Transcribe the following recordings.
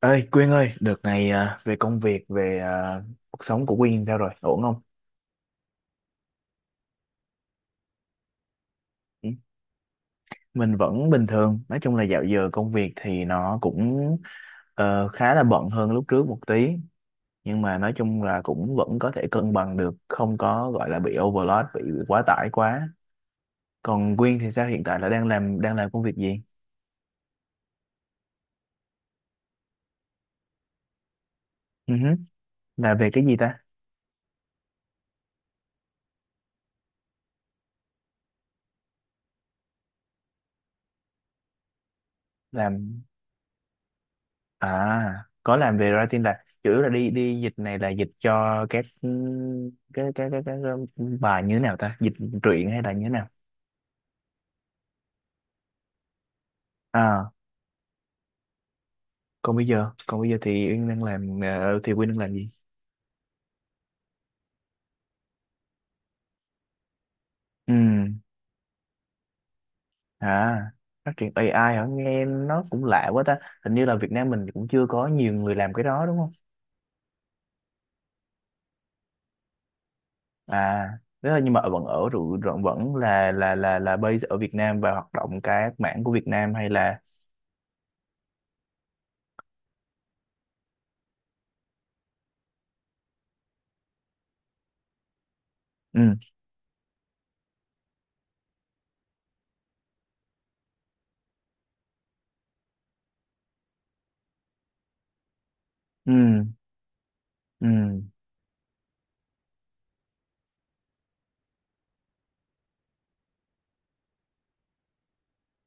Ơi Quyên ơi, đợt này về công việc, cuộc sống của Quyên sao rồi? Ổn không? Ừ. Mình vẫn bình thường. Nói chung là dạo giờ công việc thì nó cũng khá là bận hơn lúc trước một tí. Nhưng mà nói chung là cũng vẫn có thể cân bằng được, không có gọi là bị overload, bị quá tải quá. Còn Quyên thì sao? Hiện tại là đang làm công việc gì? Ừ hứ. Là về cái gì ta? Làm, à, có làm về writing là chủ yếu là đi đi dịch này, là dịch cho các cái cái cái cái, bài như thế nào ta, dịch truyện hay là như thế nào? À, còn bây giờ thì Uyên đang làm thì Uyên đang làm gì? Ừ. À, phát triển AI hả? Nghe nó cũng lạ quá ta, hình như là Việt Nam mình cũng chưa có nhiều người làm cái đó đúng không? À, thế là nhưng mà vẫn ở rồi, vẫn vẫn là base ở Việt Nam và hoạt động các mảng của Việt Nam hay là… Ừ. Ừ. Ừ.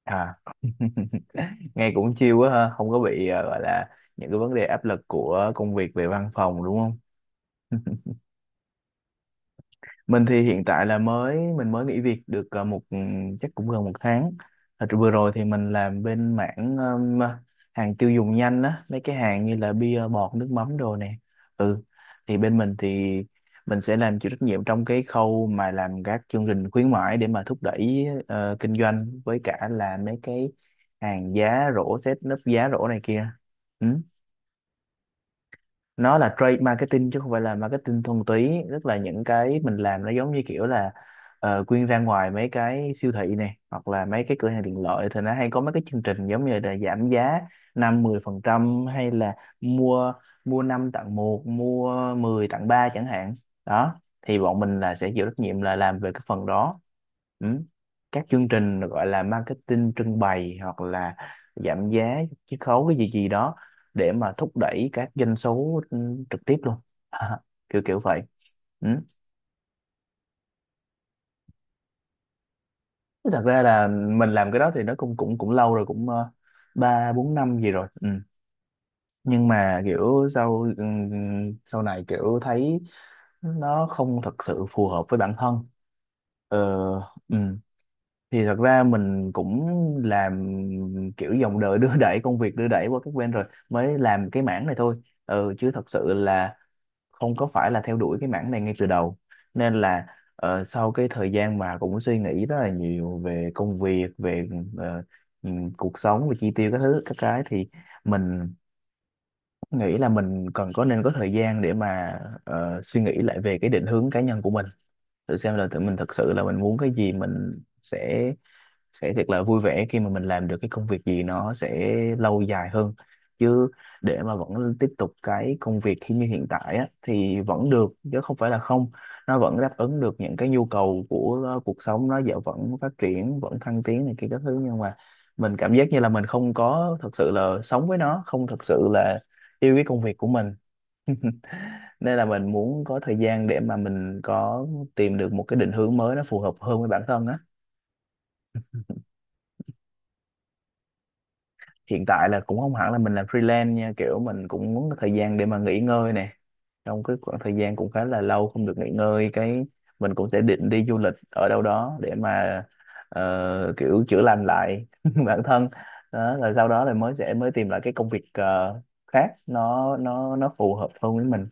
À. Nghe cũng chill quá ha, không có bị gọi là những cái vấn đề áp lực của công việc về văn phòng đúng không? Mình thì hiện tại là mình mới nghỉ việc được một chắc cũng gần một tháng. Thật ra vừa rồi thì mình làm bên mảng hàng tiêu dùng nhanh á, mấy cái hàng như là bia bọt, nước mắm đồ nè. Ừ. Thì bên mình thì mình sẽ làm, chịu trách nhiệm trong cái khâu mà làm các chương trình khuyến mãi để mà thúc đẩy kinh doanh, với cả là mấy cái hàng giá rổ, set nấp giá rổ này kia. Ừ. Nó là trade marketing chứ không phải là marketing thuần túy, tức là những cái mình làm nó giống như kiểu là Quyên ra ngoài mấy cái siêu thị này hoặc là mấy cái cửa hàng tiện lợi thì nó hay có mấy cái chương trình giống như là giảm giá năm mười phần trăm hay là mua mua năm tặng một, mua 10 tặng ba chẳng hạn. Đó, thì bọn mình là sẽ chịu trách nhiệm là làm về cái phần đó. Ừ. Các chương trình gọi là marketing trưng bày hoặc là giảm giá chiết khấu cái gì gì đó để mà thúc đẩy các doanh số trực tiếp luôn. À, kiểu kiểu vậy. Ừ. Chứ thật ra là mình làm cái đó thì nó cũng cũng cũng lâu rồi, cũng ba bốn năm gì rồi. Ừ. Nhưng mà kiểu sau này kiểu thấy nó không thật sự phù hợp với bản thân. Ờ. Ừ. Thì thật ra mình cũng làm kiểu dòng đời đưa đẩy, công việc đưa đẩy qua các bên rồi mới làm cái mảng này thôi. Ừ, chứ thật sự là không có phải là theo đuổi cái mảng này ngay từ đầu. Nên là sau cái thời gian mà cũng suy nghĩ rất là nhiều về công việc, về ờ, cuộc sống, về chi tiêu các thứ các cái thì mình nghĩ là mình cần có nên có thời gian để mà suy nghĩ lại về cái định hướng cá nhân của mình, thử xem là tự mình thật sự là mình muốn cái gì, mình sẽ thật là vui vẻ khi mà mình làm được cái công việc gì, nó sẽ lâu dài hơn. Chứ để mà vẫn tiếp tục cái công việc khi như hiện tại á, thì vẫn được chứ không phải là không, nó vẫn đáp ứng được những cái nhu cầu của cuộc sống, nó dạo vẫn phát triển vẫn thăng tiến này kia các thứ, nhưng mà mình cảm giác như là mình không có thật sự là sống với nó, không thật sự là yêu cái công việc của mình. Nên là mình muốn có thời gian để mà mình có, tìm được một cái định hướng mới nó phù hợp hơn với bản thân á. Hiện tại là cũng không hẳn là mình làm freelance nha, kiểu mình cũng muốn có thời gian để mà nghỉ ngơi nè. Trong cái khoảng thời gian cũng khá là lâu không được nghỉ ngơi, cái mình cũng sẽ định đi du lịch ở đâu đó để mà kiểu chữa lành lại bản thân. Đó, rồi sau đó là mới sẽ tìm lại cái công việc khác, nó nó phù hợp hơn với mình.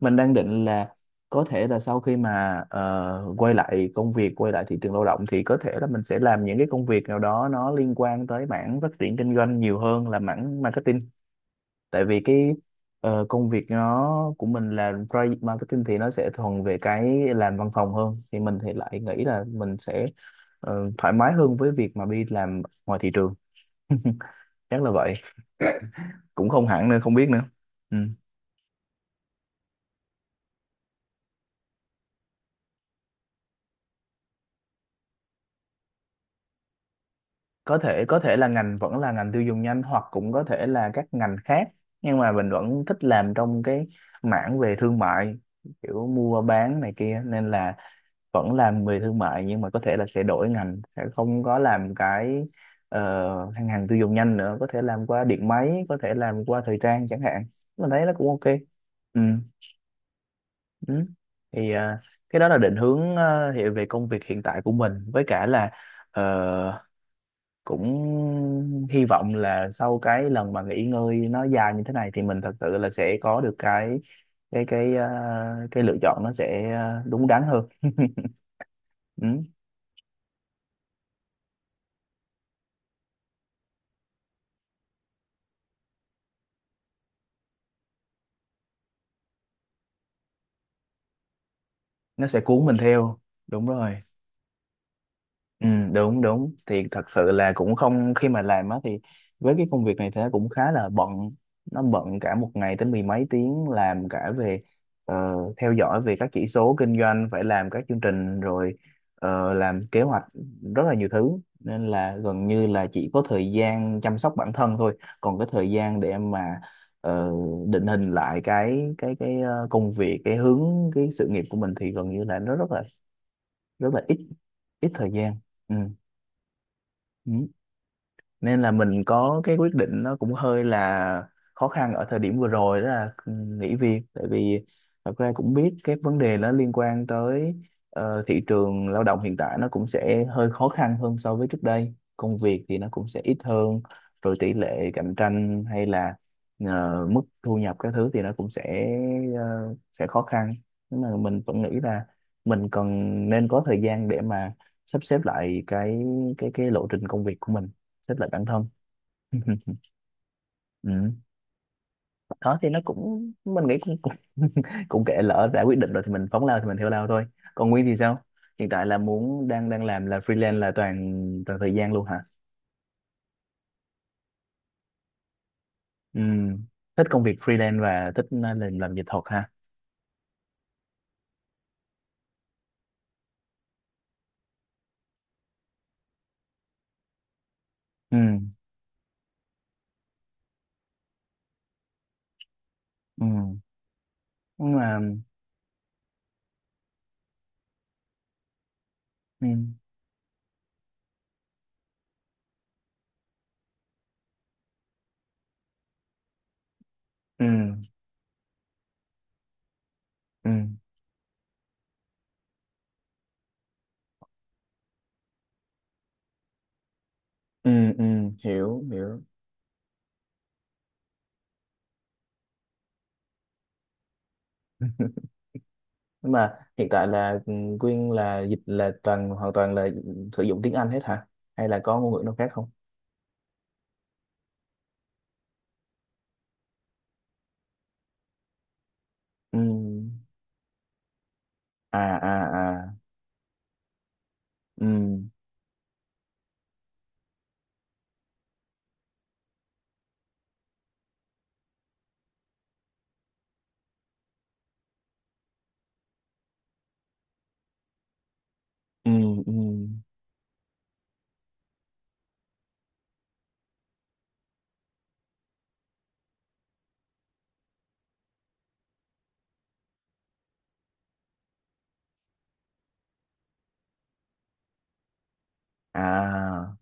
Mình đang định là có thể là sau khi mà quay lại công việc, quay lại thị trường lao động thì có thể là mình sẽ làm những cái công việc nào đó nó liên quan tới mảng phát triển kinh doanh nhiều hơn là mảng marketing. Tại vì cái công việc nó của mình là project marketing thì nó sẽ thuần về cái làm văn phòng hơn, thì mình thì lại nghĩ là mình sẽ thoải mái hơn với việc mà đi làm ngoài thị trường. Chắc là vậy, cũng không hẳn nữa, không biết nữa. Ừ. Có thể, có thể là ngành vẫn là ngành tiêu dùng nhanh hoặc cũng có thể là các ngành khác, nhưng mà mình vẫn thích làm trong cái mảng về thương mại, kiểu mua bán này kia, nên là vẫn làm về thương mại, nhưng mà có thể là sẽ đổi ngành, sẽ không có làm cái hàng hàng tiêu dùng nhanh nữa, có thể làm qua điện máy, có thể làm qua thời trang chẳng hạn. Mình thấy nó cũng ok. Ừ. Ừ. Thì à, cái đó là định hướng hiện về công việc hiện tại của mình, với cả là ờ, cũng hy vọng là sau cái lần mà nghỉ ngơi nó dài như thế này thì mình thật sự là sẽ có được cái cái cái ờ, cái lựa chọn nó sẽ đúng đắn hơn. Ừ, nó sẽ cuốn mình theo, đúng rồi. Ừ, đúng đúng, thì thật sự là cũng không, khi mà làm á thì với cái công việc này thì nó cũng khá là bận. Nó bận cả một ngày tới mười mấy tiếng, làm cả về ờ, theo dõi về các chỉ số kinh doanh, phải làm các chương trình rồi làm kế hoạch, rất là nhiều thứ. Nên là gần như là chỉ có thời gian chăm sóc bản thân thôi, còn cái thời gian để mà ờ, định hình lại cái công việc, cái hướng, cái sự nghiệp của mình thì gần như là nó rất là ít, ít thời gian. Ừ. Ừ. Nên là mình có cái quyết định nó cũng hơi là khó khăn ở thời điểm vừa rồi, đó là nghỉ việc. Tại vì thật ra cũng biết cái vấn đề nó liên quan tới thị trường lao động hiện tại nó cũng sẽ hơi khó khăn hơn so với trước đây, công việc thì nó cũng sẽ ít hơn rồi, tỷ lệ cạnh tranh hay là mức thu nhập các thứ thì nó cũng sẽ sẽ khó khăn. Nhưng mà mình vẫn nghĩ là mình nên có thời gian để mà sắp xếp lại cái lộ trình công việc của mình, xếp lại bản thân. Ừ. Đó thì nó cũng, mình nghĩ cũng cũng, cũng kệ, lỡ đã quyết định rồi thì mình phóng lao thì mình theo lao thôi. Còn Nguyên thì sao? Hiện tại là muốn, đang đang làm là freelance là toàn toàn thời gian luôn hả? Ừ. Thích công việc freelance và thích, à, làm dịch thuật ha? Ừ. Ừ. Nhưng mà… Ừ. Ừ. Ừ. Ừ. Ừ. Hiểu hiểu. Nhưng mà hiện tại là Quyên là dịch là hoàn toàn là sử dụng tiếng Anh hết hả, hay là có ngôn ngữ nào khác không? Ừ. À à à. Ừ. Ừ. Ừ. À.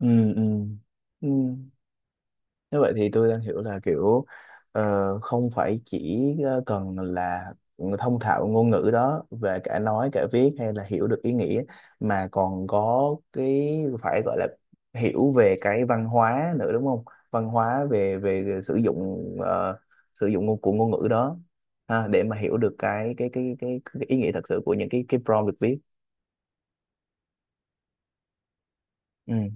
Ừ. Ừ. Ừ. Như vậy thì tôi đang hiểu là kiểu không phải chỉ cần là thông thạo ngôn ngữ đó về cả nói cả viết hay là hiểu được ý nghĩa, mà còn có cái phải gọi là hiểu về cái văn hóa nữa đúng không, văn hóa về về, sử dụng sử dụng ngôn- của ngôn ngữ đó ha, để mà hiểu được cái ý nghĩa thật sự của những cái prompt được viết. Ừ.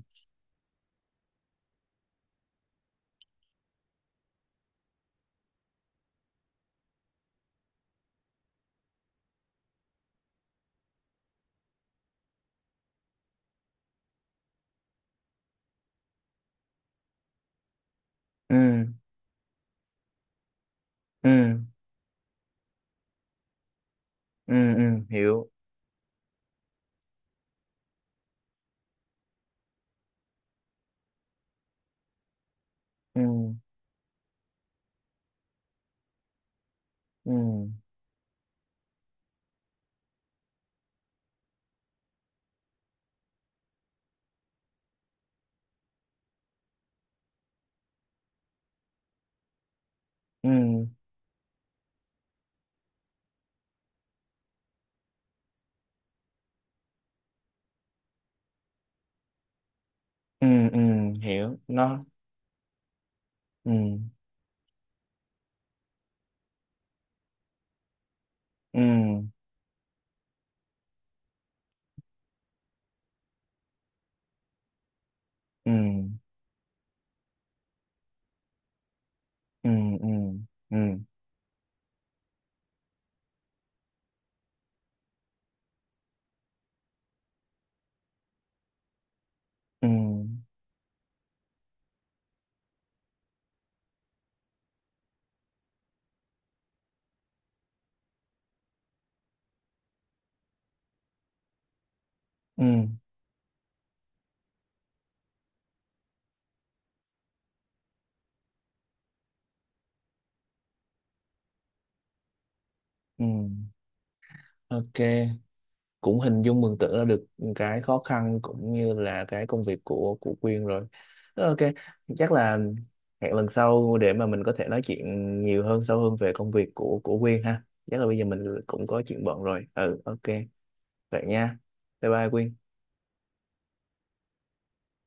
Ừ. Ừ. Ừ. Ừ. Hiểu. Ừ. Ừ. Ừ. Ừ. Ừ. Hiểu nó. Ừ. Ừ. Ừ. Ừ. Ừ. Ừ. Ừ. Ừ. Ừ. Ok, cũng hình dung mường tượng ra được cái khó khăn cũng như là cái công việc của Quyên rồi. Ok. Chắc là hẹn lần sau để mà mình có thể nói chuyện nhiều hơn, sâu hơn về công việc của Quyên ha. Chắc là bây giờ mình cũng có chuyện bận rồi. Ừ, ok, vậy nha. Bye bye Quyên.